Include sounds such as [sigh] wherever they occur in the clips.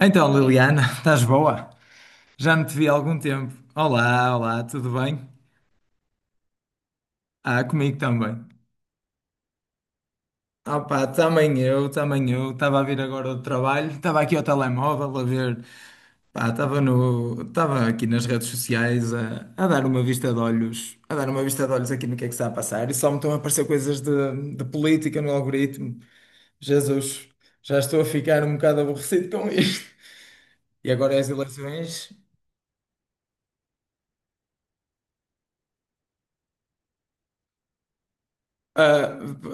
Então, Liliana, [laughs] estás boa? Já não te vi há algum tempo. Olá, olá, tudo bem? Ah, comigo também. Opa, também eu, também eu. Estava a vir agora do trabalho, estava aqui ao telemóvel a ver. Pá, estava no, estava aqui nas redes sociais a dar uma vista de olhos, a dar uma vista de olhos aqui no que é que está a passar. E só me estão a aparecer coisas de política no algoritmo. Jesus, já estou a ficar um bocado aborrecido com isto. E agora é as eleições. Ah,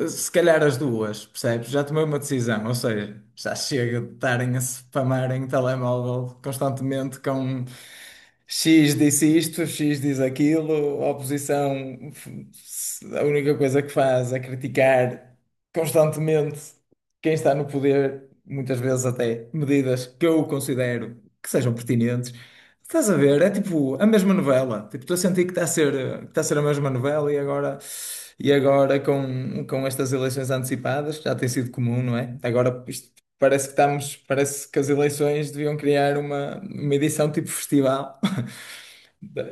se calhar as duas, percebes? Já tomei uma decisão, ou seja, já chega de estarem a spamarem telemóvel constantemente com X disse isto, X diz aquilo, a oposição, a única coisa que faz é criticar constantemente quem está no poder, muitas vezes até medidas que eu considero que sejam pertinentes. Estás a ver? É tipo a mesma novela. Tipo, estou a sentir que está a ser a mesma novela e agora, e agora com estas eleições antecipadas, que já tem sido comum, não é? Agora isto parece que as eleições deviam criar uma edição tipo festival. [laughs] Da-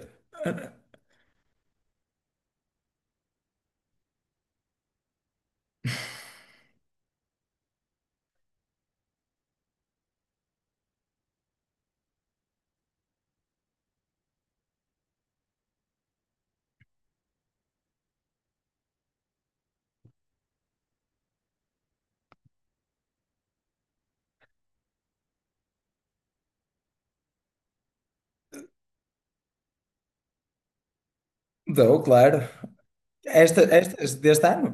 Dou, claro. Estas deste ano?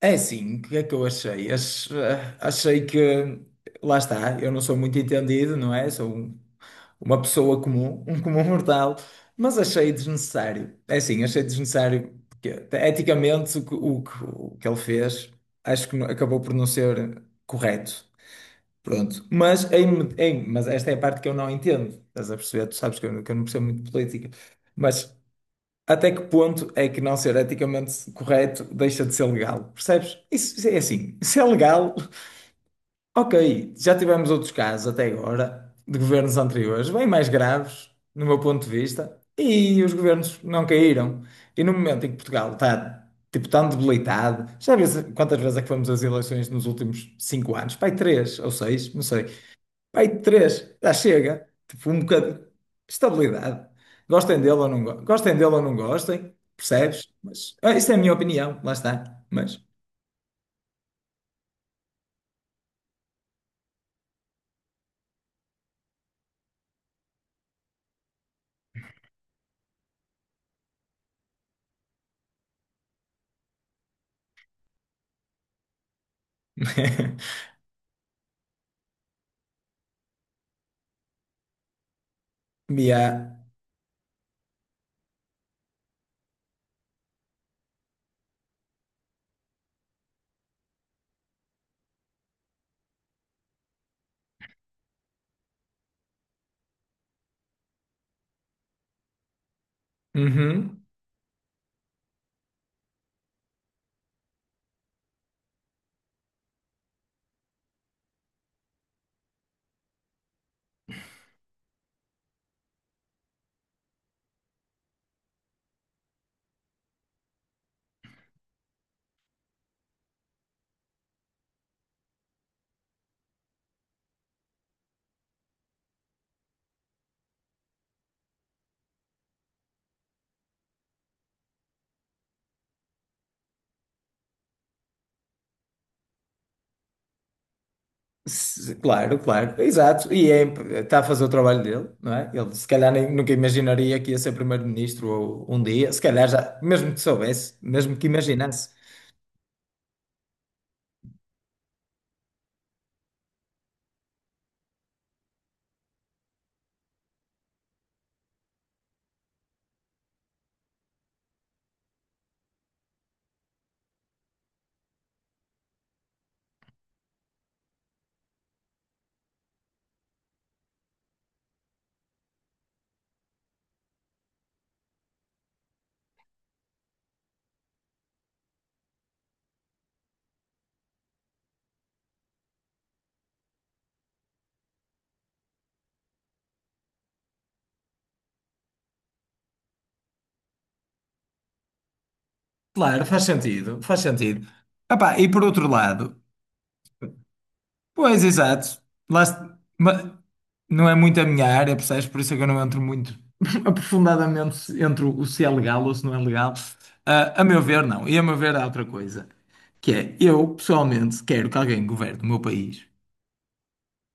É, sim, o que é que eu achei? Achei que, lá está, eu não sou muito entendido, não é? Sou uma pessoa comum, [laughs] um comum mortal, mas achei desnecessário. É assim, achei desnecessário, porque eticamente o que ele fez acho que acabou por não ser correto. Pronto. Mas, mas esta é a parte que eu não entendo. Estás a perceber? Tu sabes que eu não percebo muito de política. Mas até que ponto é que não ser eticamente correto deixa de ser legal? Percebes? Isso é assim. [laughs] Se é legal. Ok, já tivemos outros casos até agora de governos anteriores, bem mais graves, no meu ponto de vista, e os governos não caíram. E no momento em que Portugal está tipo tão debilitado, já vês quantas vezes é que fomos às eleições nos últimos 5 anos? Pai, três ou seis, não sei. Pai, três, já chega. Tipo, um bocado de estabilidade. Gostem dele ou não, gostem dele ou não gostem, percebes? Mas, ah, isso é a minha opinião, lá está. Mas. [laughs] Mia. Uhum. Claro, claro, exato. E está a fazer o trabalho dele, não é? Ele se calhar nunca imaginaria que ia ser primeiro-ministro um dia, se calhar já, mesmo que soubesse, mesmo que imaginasse. Claro, faz sentido, faz sentido. Epá, e por outro lado, pois exato, lá, ma- não é muito a minha área, percebes? Por isso é que eu não entro muito [laughs] aprofundadamente entre o se é legal ou se não é legal. Ah, a meu ver, não. E a meu ver, há outra coisa, que é eu, pessoalmente, quero que alguém governe o meu país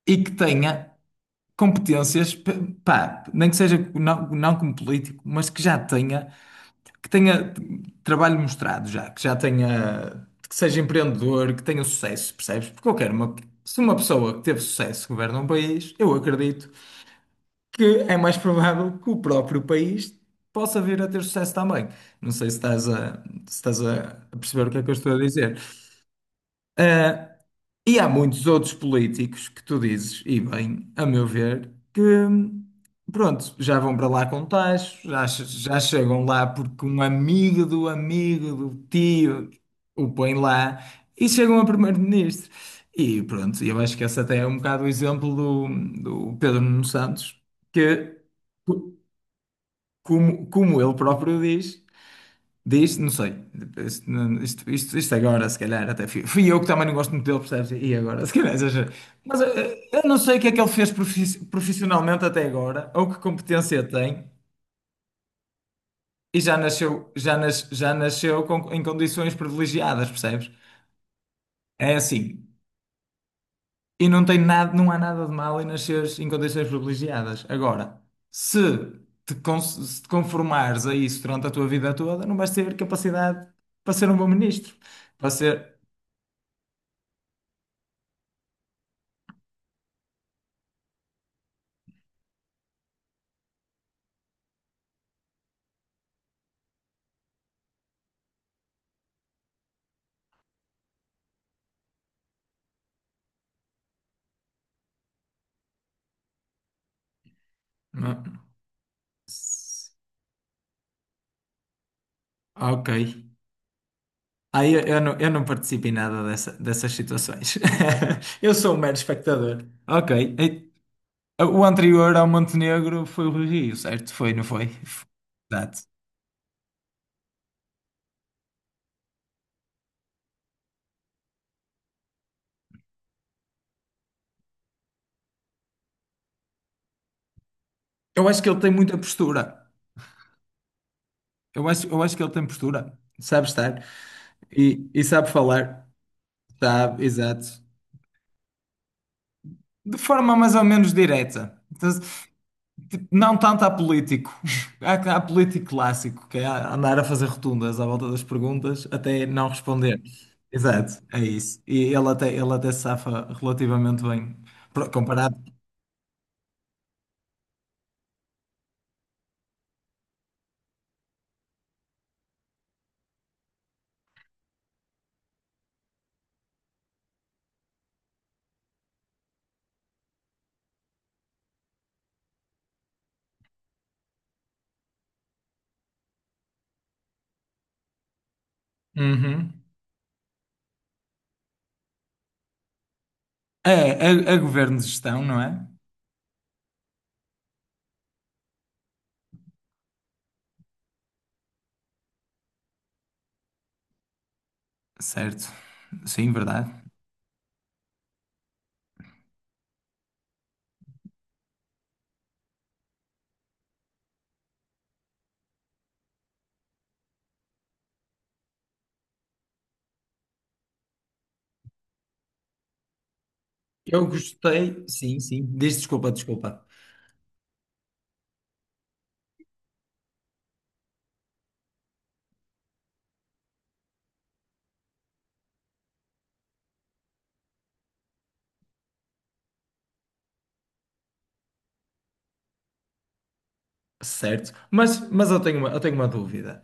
e que tenha competências. Pá, nem que seja não, não como político, mas que tenha trabalho mostrado já, que seja empreendedor, que tenha sucesso, percebes? Porque eu quero se uma pessoa que teve sucesso governa um país, eu acredito que é mais provável que o próprio país possa vir a ter sucesso também. Não sei se estás a perceber o que é que eu estou a dizer. E há muitos outros políticos que tu dizes, e bem, a meu ver, que, pronto, já vão para lá com tachos, já chegam lá porque um amigo do tio o põe lá e chegam a primeiro-ministro. E pronto, eu acho que esse até é um bocado o exemplo do Pedro Nuno Santos, que, co- como, como ele próprio diz. Diz, não sei. Isto, isto agora, se calhar, até fui, fui eu que também não gosto muito dele, percebes? E agora, se calhar, exagero. Mas, eu não sei o que é que ele fez profissionalmente até agora, ou que competência tem, e já nasceu, já nas, já nasceu com- em condições privilegiadas, percebes? É assim. E não tem nada, não há nada de mal em nasceres em condições privilegiadas. Agora, se te, con- se te conformares a isso durante a tua vida toda, não vais ter capacidade para ser um bom ministro. Para ser. Ok. Aí eu não participo em nada dessas situações. [laughs] Eu sou um mero espectador. Ok. O anterior ao Montenegro foi o Rio, certo? Foi, não foi? Exato. Eu acho que ele tem muita postura. Eu acho que ele tem postura. Sabe estar. E sabe falar. Sabe, exato. De forma mais ou menos direta. Então, não tanto há político. [laughs] Há político clássico, que é andar a fazer rotundas à volta das perguntas até não responder. Exato, é isso. E ele até se safa relativamente bem, comparado. Uhum. É, a governo de gestão, não é? Certo. Sim, verdade. Eu gostei, sim, sim. Diz, desculpa, desculpa. Certo. Mas, eu tenho uma dúvida.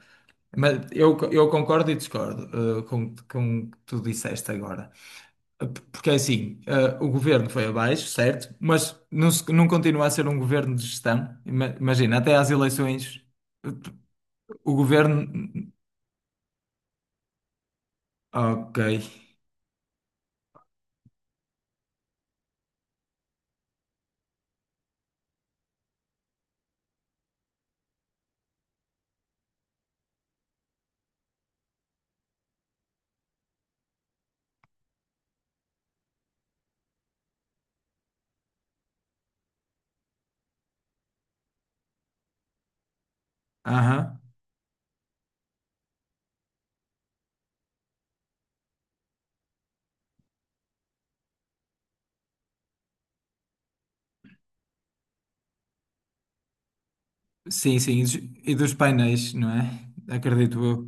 Mas eu concordo e discordo, com o que tu disseste agora. Porque é assim, eh, o governo foi abaixo, certo? Mas não, não continua a ser um governo de gestão. Imagina, até às eleições, eh, o governo. Ok. Aham. Sim, sim. E dos painéis, não é? Acredito eu.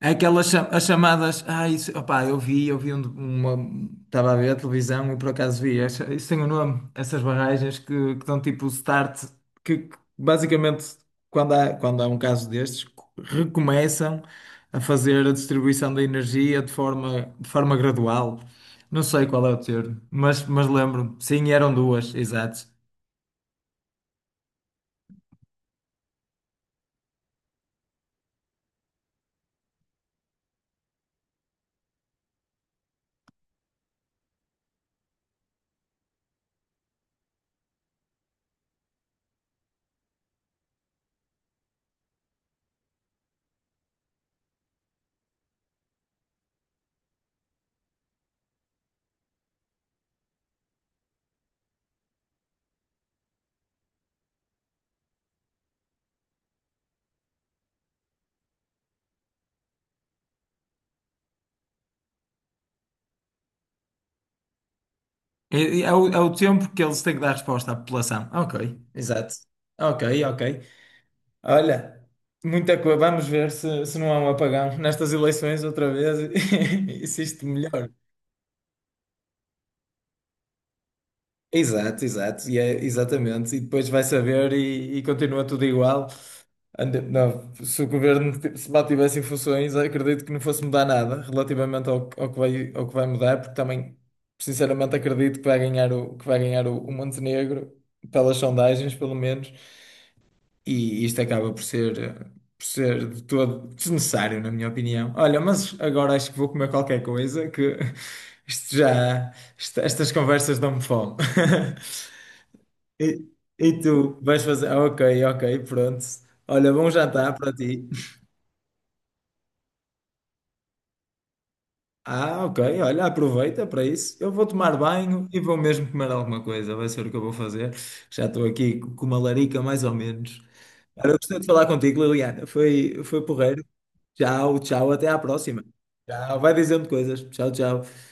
É. As chamadas. Ah, isso, opá, eu vi uma. Estava a ver a televisão e por acaso vi. Isso tem um nome, essas barragens que dão tipo start, que basicamente quando há um caso destes, recomeçam a fazer a distribuição da energia de forma gradual. Não sei qual é o termo, mas, lembro-me. Sim, eram duas, exato. É o tempo que eles têm que dar resposta à população. Ok, exato. Ok, ok. Olha, muita coisa. Vamos ver se não há um apagão nestas eleições outra vez [laughs] e se isto melhor. Exato, exato, e é, exatamente. E depois vai saber e continua tudo igual. Não, se o governo se mantivesse em funções, acredito que não fosse mudar nada relativamente ao que vai mudar, porque também, sinceramente, acredito que vai ganhar o Montenegro, pelas sondagens, pelo menos. E isto acaba por ser de todo desnecessário, na minha opinião. Olha, mas agora acho que vou comer qualquer coisa, que [laughs] isto já, estas conversas dão-me fome. [laughs] E, e tu vais fazer? Ah, ok, ok, pronto. Olha, bom jantar para ti. Ah, ok, olha, aproveita para isso. Eu vou tomar banho e vou mesmo comer alguma coisa, vai ser o que eu vou fazer. Já estou aqui com uma larica, mais ou menos. Olha, eu gostei de falar contigo, Liliana. Foi porreiro. Tchau, tchau, até à próxima. Tchau, vai dizendo coisas. Tchau, tchau.